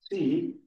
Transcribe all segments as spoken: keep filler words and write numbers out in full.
Sì,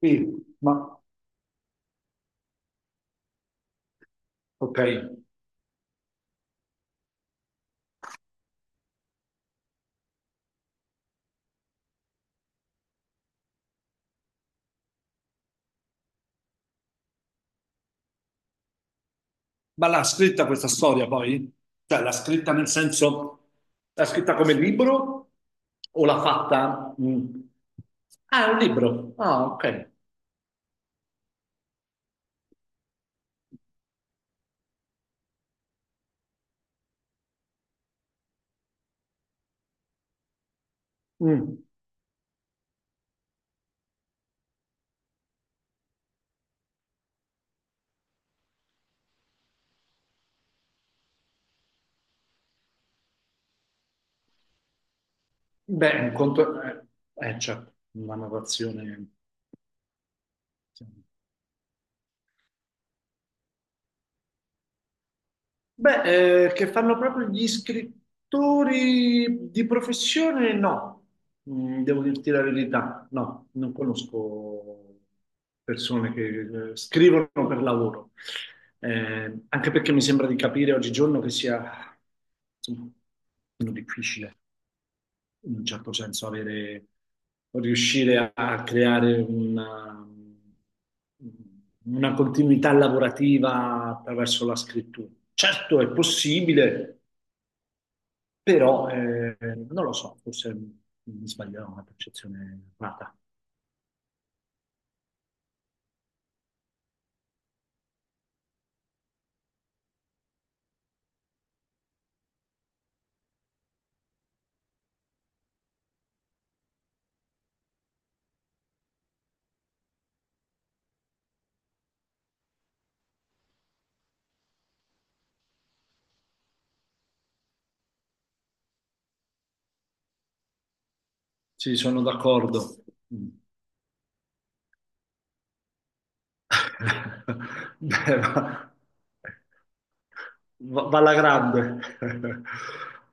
sì, ma ok. Ma l'ha scritta questa storia poi? Cioè l'ha scritta nel senso, l'ha scritta come libro o l'ha fatta? Mm. Ah, è un libro. Ah, ok. Mm. Beh, un conto... Eh, eh, certo, una narrazione... Beh, eh, che fanno proprio gli scrittori di professione? No. Mm, devo dirti la verità, no, non conosco persone che eh, scrivono per lavoro. Eh, anche perché mi sembra di capire oggigiorno che sia, insomma, meno difficile in un certo senso avere, riuscire a creare una, una continuità lavorativa attraverso la scrittura. Certo è possibile, però eh, non lo so, forse mi sbaglierò, una percezione errata. Sì, sono d'accordo. Mm. Beh, va, va- va alla grande.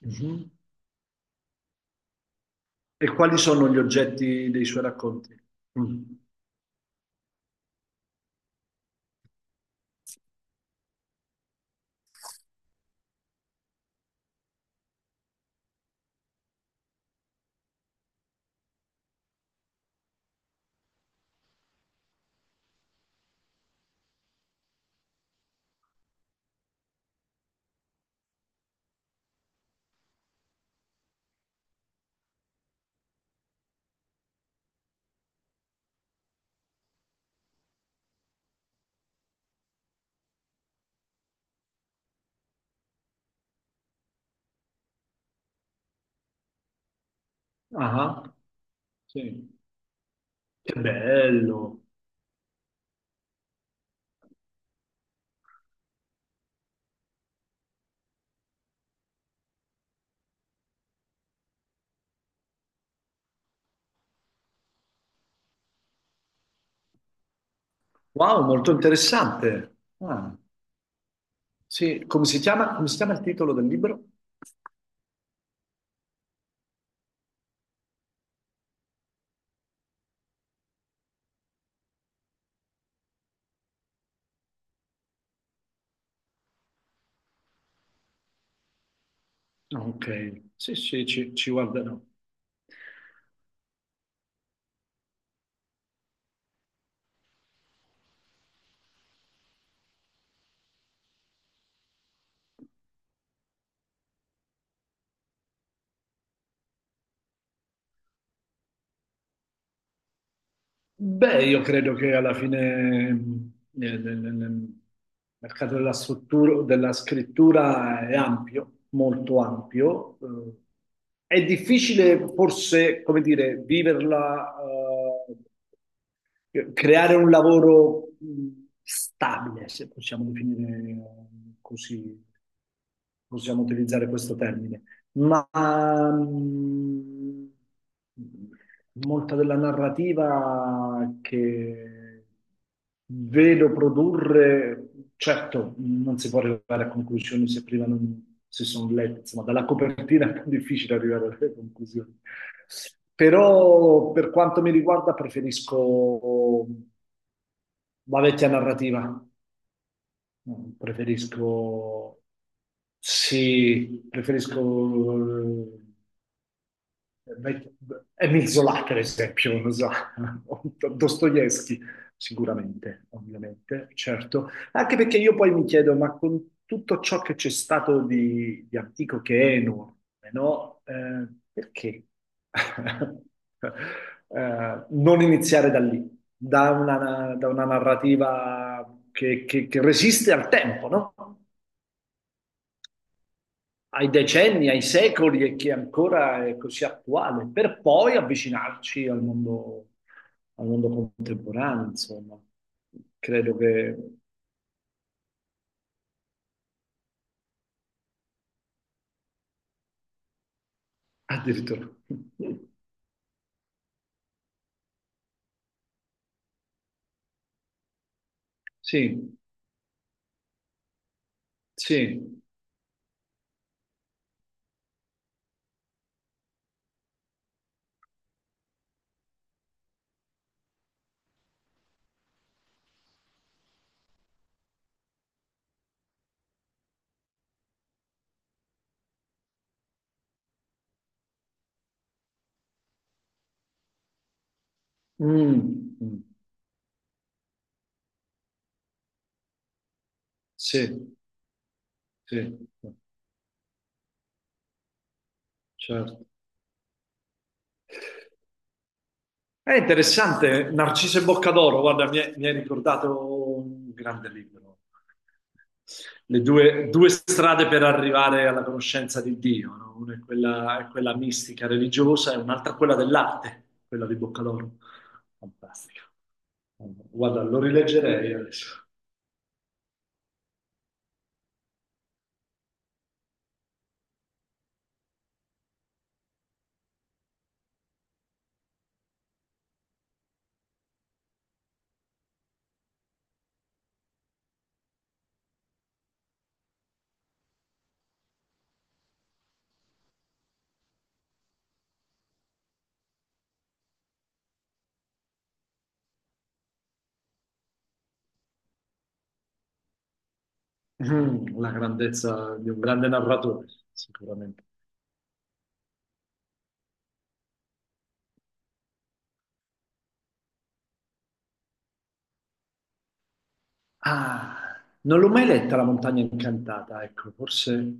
Mhm. E quali sono gli oggetti dei suoi racconti? Mm. Ah, sì. Che bello. Wow, molto interessante. Ah, sì, come si chiama, come si chiama il titolo del libro? Ah, ok, sì, sì, ci, ci guarderò. Beh, io credo che alla fine mh, eh, nel, nel- nel mercato della struttura, della scrittura è ampio, molto ampio. Eh. È difficile forse, come dire, viverla, eh, creare un lavoro stabile, se possiamo definire, eh, così, possiamo utilizzare questo termine, ma mm, molta della narrativa che vedo produrre, certo, non si può arrivare a conclusioni se prima non si sono lette, insomma, dalla copertina è più difficile arrivare alle conclusioni. Però per quanto mi riguarda preferisco la vecchia narrativa, preferisco, sì, preferisco Emil Zola, per esempio, non so, Dostoevsky, sicuramente, ovviamente, certo. Anche perché io poi mi chiedo, ma con tutto ciò che c'è stato di, di antico che è enorme, no? Eh, perché eh, non iniziare da lì, da una, da una narrativa che, che- che resiste al tempo, no? Ai decenni, ai secoli e che ancora è così attuale, per poi avvicinarci al mondo, al mondo contemporaneo, insomma. Credo che addirittura. Sì, sì. Mm, mm, sì, sì, certo. È interessante, Narciso e Boccadoro, guarda, mi è- mi hai ricordato un grande libro, le due, due strade per arrivare alla conoscenza di Dio, no? Una è quella, è quella mistica, religiosa, e un'altra quella dell'arte, quella di Boccadoro. Fantastico. Guarda, lo rileggerei adesso. Mm. La grandezza di un grande narratore, sicuramente. Ah, non l'ho mai letta La montagna incantata, ecco, forse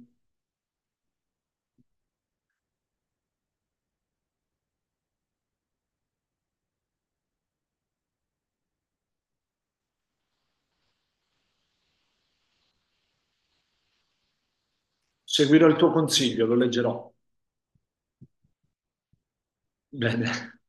seguirò il tuo consiglio, lo leggerò. Bene.